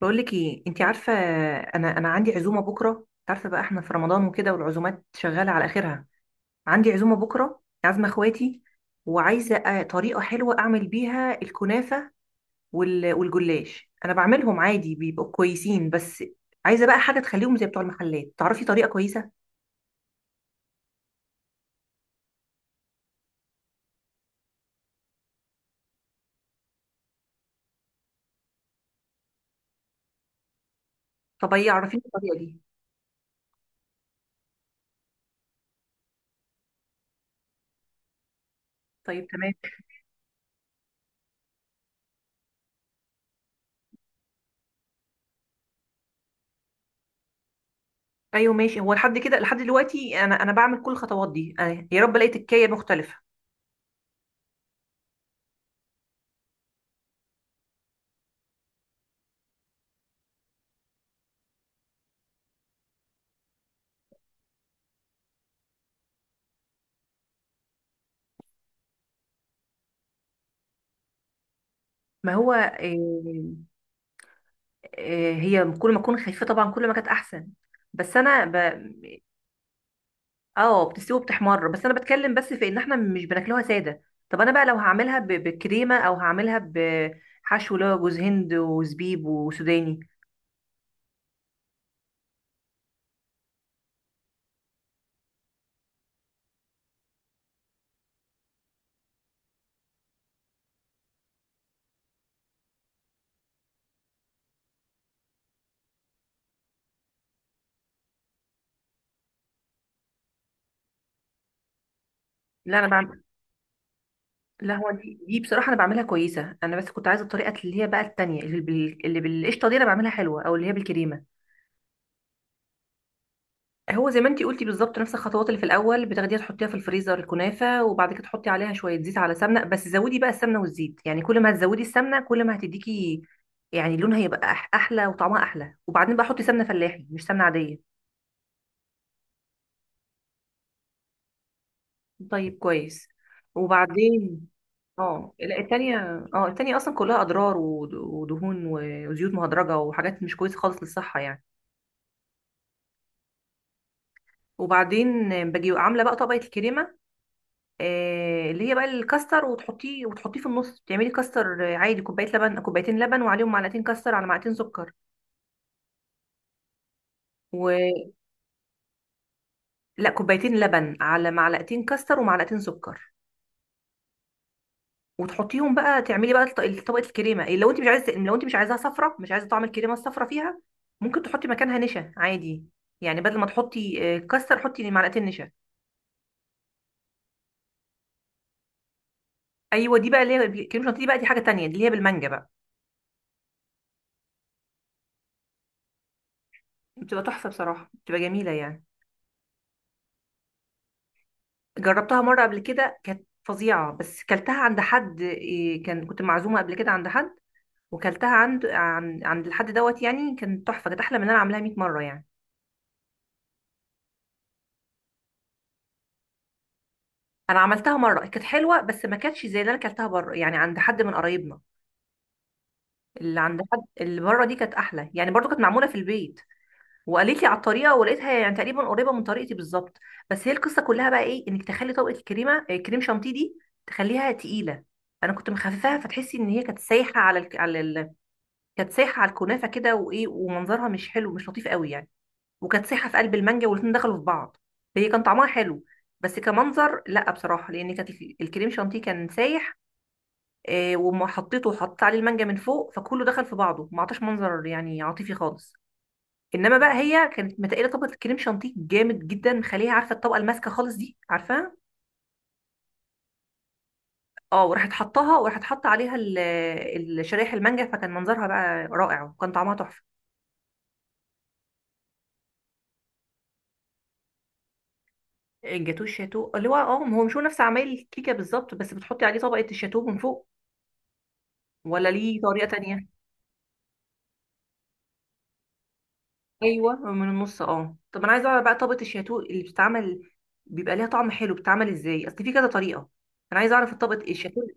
بقول لك ايه انت عارفه. انا عندي عزومه بكره، انت عارفه بقى احنا في رمضان وكده، والعزومات شغاله على اخرها. عندي عزومه بكره، عازمه اخواتي. وعايزه طريقه حلوه اعمل بيها الكنافه. والجلاش انا بعملهم عادي، بيبقوا كويسين. بس عايزه بقى حاجه تخليهم زي بتوع المحلات. تعرفي طريقه كويسه؟ طب ايه، عرفيني الطريقه دي. طيب تمام. ايوه ماشي، هو لحد كده لحد دلوقتي انا بعمل كل الخطوات دي، يا رب الاقي تكايه مختلفه. ما هو هي كل ما اكون خفيفه طبعا كل ما كانت احسن. بس انا ب... اه بتستوي وبتحمر، بس انا بتكلم بس في ان احنا مش بناكلوها ساده. طب انا بقى لو هعملها بكريمه، او هعملها بحشو اللي هو جوز هند وزبيب وسوداني. لا انا بعمل لا هو دي بصراحه انا بعملها كويسه، انا بس كنت عايزه الطريقه اللي هي بقى التانية، اللي اللي بالقشطه دي انا بعملها حلوه، او اللي هي بالكريمه. هو زي ما انتي قلتي بالظبط، نفس الخطوات اللي في الاول بتاخديها تحطيها في الفريزر الكنافه، وبعد كده تحطي عليها شويه زيت على سمنه، بس زودي بقى السمنه والزيت، يعني كل ما هتزودي السمنه كل ما هتديكي. يعني لونها هيبقى احلى وطعمها احلى، وبعدين بقى حطي سمنه فلاحي مش سمنه عاديه. طيب كويس. وبعدين اه لا التانية. اه التانية اصلا كلها اضرار، ودهون وزيوت مهدرجه وحاجات مش كويسه خالص للصحه يعني. وبعدين باجي عامله بقى طبقه الكريمه، اللي هي بقى الكاستر، وتحطيه في النص. تعملي كاستر عادي، كوبايه لبن، كوبايتين لبن، وعليهم معلقتين كاستر على معلقتين سكر. و لا، كوبايتين لبن على معلقتين كاستر ومعلقتين سكر. وتحطيهم بقى، تعملي بقى طبقه الكريمه. لو انت مش عايزه، لو انت مش عايزاها صفرة، مش عايزه طعم الكريمه الصفرة فيها، ممكن تحطي مكانها نشا عادي. يعني بدل ما تحطي كاستر، حطي معلقتين نشا. ايوه دي بقى اللي هي الكريمه الشانتيه، دي بقى دي حاجه تانية، دي اللي هي بالمانجا بقى. بتبقى تحفه بصراحه، بتبقى جميله يعني. جربتها مرة قبل كده كانت فظيعة، بس كلتها عند حد. كان كنت معزومة قبل كده عند حد، وكلتها عند عند الحد دوت، يعني كانت تحفة، كانت أحلى من أنا عاملاها 100 مرة يعني. أنا عملتها مرة كانت حلوة، بس ما كانتش زي اللي أنا كلتها بره يعني عند حد من قرايبنا. اللي عند حد اللي بره دي كانت أحلى يعني، برضو كانت معمولة في البيت. وقالت لي على الطريقة، ولقيتها يعني تقريبا قريبة من طريقتي بالظبط. بس هي القصة كلها بقى إيه؟ إنك تخلي طبقة الكريمة، كريم شانتيه دي، تخليها تقيلة. انا كنت مخففاها، فتحسي ان هي كانت سايحه على كانت سايحه على الكنافه كده، وايه، ومنظرها مش حلو مش لطيف قوي يعني. وكانت سايحه في قلب المانجا، والاتنين دخلوا في بعض. هي كان طعمها حلو، بس كمنظر لا بصراحه، لان كانت الكريم شانتيه كان سايح. وما حطيته وحطيت عليه المانجا من فوق، فكله دخل في بعضه، ما عطاش منظر يعني عاطفي خالص. انما بقى هي كانت متقله طبقه الكريم شانتيه جامد جدا، مخليها، عارفه الطبقه الماسكه خالص دي، عارفاها. اه وراحت حطاها، وراحت حط عليها شرايح المانجا، فكان منظرها بقى رائع، وكان طعمها تحفه. الجاتوه الشاتو اللي هو اه، هو مش هو نفس عمايل الكيكه بالظبط، بس بتحطي عليه طبقه الشاتو من فوق، ولا ليه طريقه تانية؟ ايوه من النص اه. طب انا عايزه اعرف بقى طبقه الشاتو اللي بتتعمل، بيبقى ليها طعم حلو، بتتعمل ازاي؟ اصل في كذا طريقه. انا عايزه اعرف الطبقه الشاتو اللي،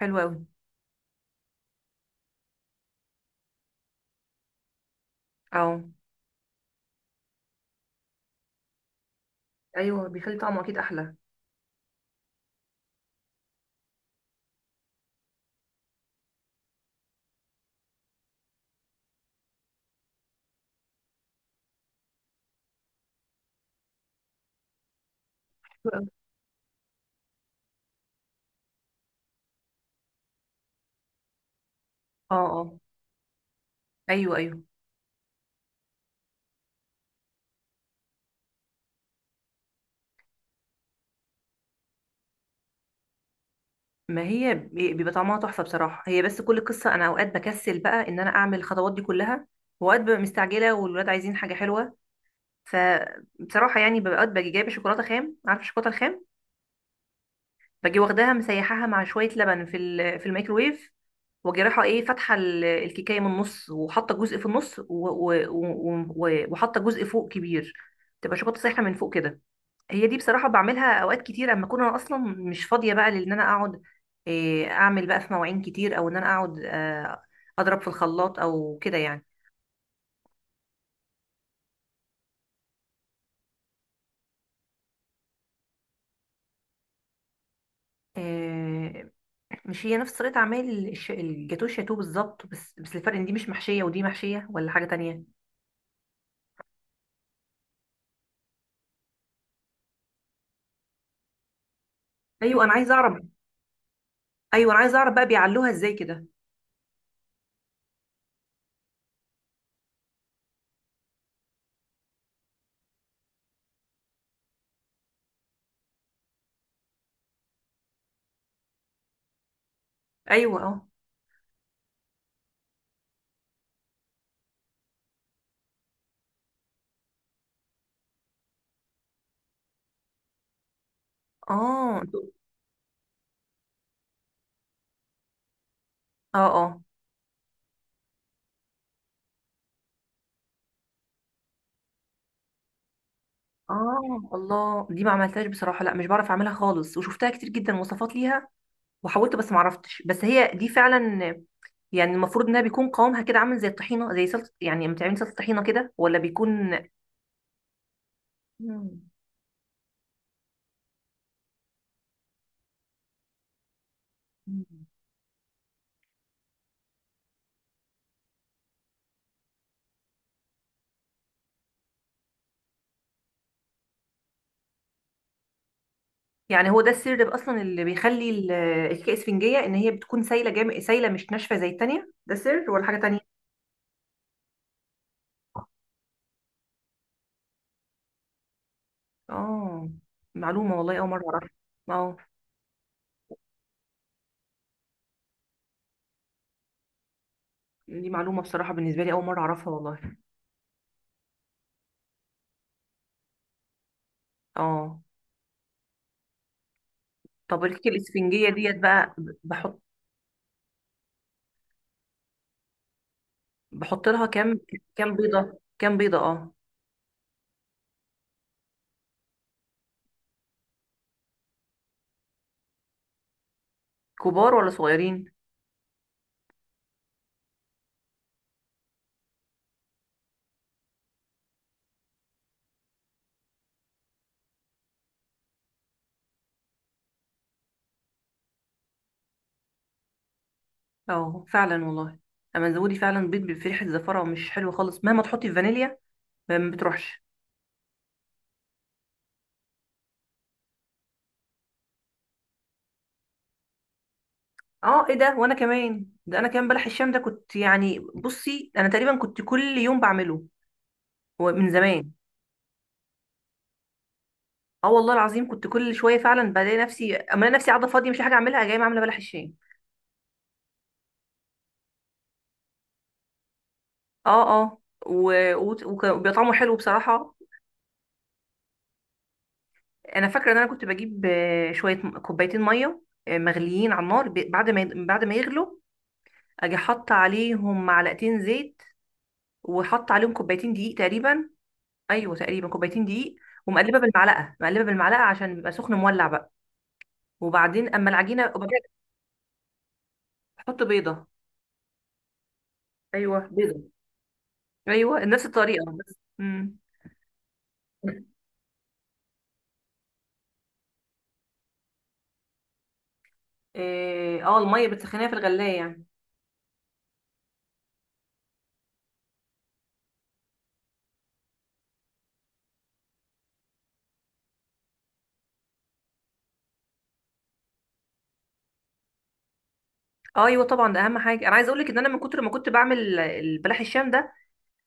حلوه قوي. اه ايوه بيخلي طعمه اكيد احلى. حلو أوي. اه اه. ايوه ايوه. ما هي بيبقى طعمها تحفه بصراحه، هي بس كل قصه انا اوقات بكسل بقى ان انا اعمل الخطوات دي كلها. واوقات ببقى مستعجله والولاد عايزين حاجه حلوه، فبصراحة يعني ببقى باجي جايبة شوكولاتة خام، عارفة الشوكولاتة الخام. باجي واخداها مسيحاها مع شوية لبن في في الميكروويف. واجي رايحة ايه، فاتحة الكيكاية من النص، وحاطة جزء في النص، وحاطة جزء فوق كبير. تبقى شوكولاتة سايحة من فوق كده. هي دي بصراحة بعملها اوقات كتير اما اكون انا اصلا مش فاضية بقى، لان انا اقعد، اعمل بقى في مواعين كتير، او ان انا اقعد اضرب في الخلاط او كده يعني. آه، مش هي نفس طريقة عمل الجاتوه الشاتوه بالظبط، بس بس الفرق ان دي مش محشية ودي محشية، ولا حاجة تانية؟ ايوه انا عايزة اعرف. ايوه انا عايزة اعرف بقى بيعلوها ازاي كده. ايوه اه اه. انتوا- اه اه اه. الله، دي ما عملتهاش بصراحة، لا مش بعرف اعملها خالص، وشفتها كتير جدا وصفات ليها وحاولت بس ما عرفتش. بس هي دي فعلا، يعني المفروض انها بيكون قوامها كده عامل زي الطحينة، زي سلطة يعني، لما تعملي سلطة طحينة كده، ولا بيكون؟ مم. يعني هو ده السر بقى اصلا اللي بيخلي الكيكه اسفنجيه، ان هي بتكون سايله سايله مش ناشفه زي التانية؟ ده سر ولا حاجه تانية؟ اه معلومه والله، اول مره اعرفها. اه دي معلومه بصراحه بالنسبه لي، اول مره اعرفها والله. اه طب الكيكه الاسفنجيه ديت بقى، بحط بحط لها كام؟ كام بيضه اه. كبار ولا صغيرين؟ اه فعلا والله. اما زودي فعلا بيض، بفرحه زفره، مش حلو خالص مهما تحطي فانيليا ما بتروحش. اه ايه ده، وانا كمان، ده انا كمان بلح الشام ده كنت يعني، بصي انا تقريبا كنت كل يوم بعمله، هو من زمان. اه والله العظيم كنت كل شويه فعلا بلاقي نفسي اما انا نفسي قاعده فاضيه مش حاجه اعملها، جايه عامله بلح الشام. اه اه، وبيبقى طعمه حلو بصراحه. انا فاكره ان انا كنت بجيب شويه كوبايتين ميه مغليين على النار، بعد ما يغلوا، اجي حاطه عليهم معلقتين زيت، وحاطه عليهم كوبايتين دقيق تقريبا. ايوه تقريبا كوبايتين دقيق. ومقلبه بالمعلقه عشان بيبقى سخن مولع بقى. وبعدين اما العجينه، وبعدين احط بيضه. ايوه بيضه. ايوه نفس الطريقه، بس امم. اه الميه بتسخنيها في الغلايه يعني. اه ايوه طبعا ده اهم حاجه، انا عايزه اقول لك ان انا من كتر ما كنت بعمل البلح الشام ده،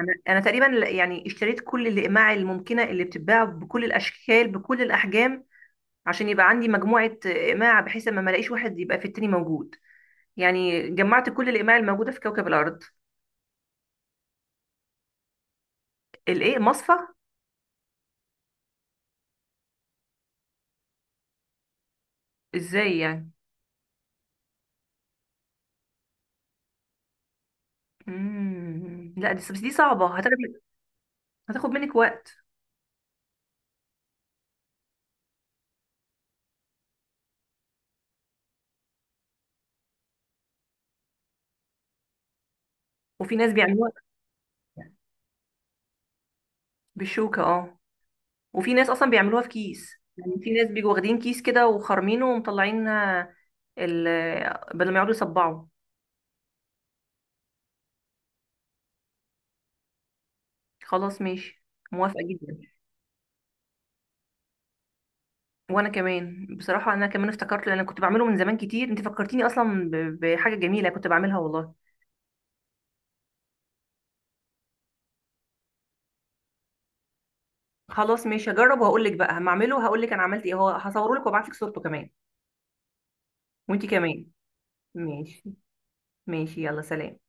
انا تقريبا يعني اشتريت كل الاقماع الممكنه اللي بتتباع، بكل الاشكال بكل الاحجام، عشان يبقى عندي مجموعه اقماع، بحيث ما الاقيش واحد يبقى في التاني موجود. يعني جمعت كل الاقماع الموجوده في كوكب الارض. الايه، مصفى؟ ازاي يعني؟ لا دي، بس دي صعبه، هتاخد، هتاخد منك وقت. وفي ناس بيعملوها بالشوكة اه. وفي ناس اصلا بيعملوها في كيس، يعني في ناس بيجوا واخدين كيس كده وخارمينه ومطلعين ال بدل ما يقعدوا يصبعوا. خلاص ماشي، موافقة جدا. وانا كمان بصراحة، انا كمان افتكرت، لان انا كنت بعمله من زمان كتير، انت فكرتيني اصلا بحاجة جميلة كنت بعملها والله. خلاص ماشي، هجرب وهقول لك بقى هما اعمله، هقول لك انا عملت ايه، هو هصوره لك وابعت لك صورته كمان. وانت كمان. ماشي. ماشي يلا سلام.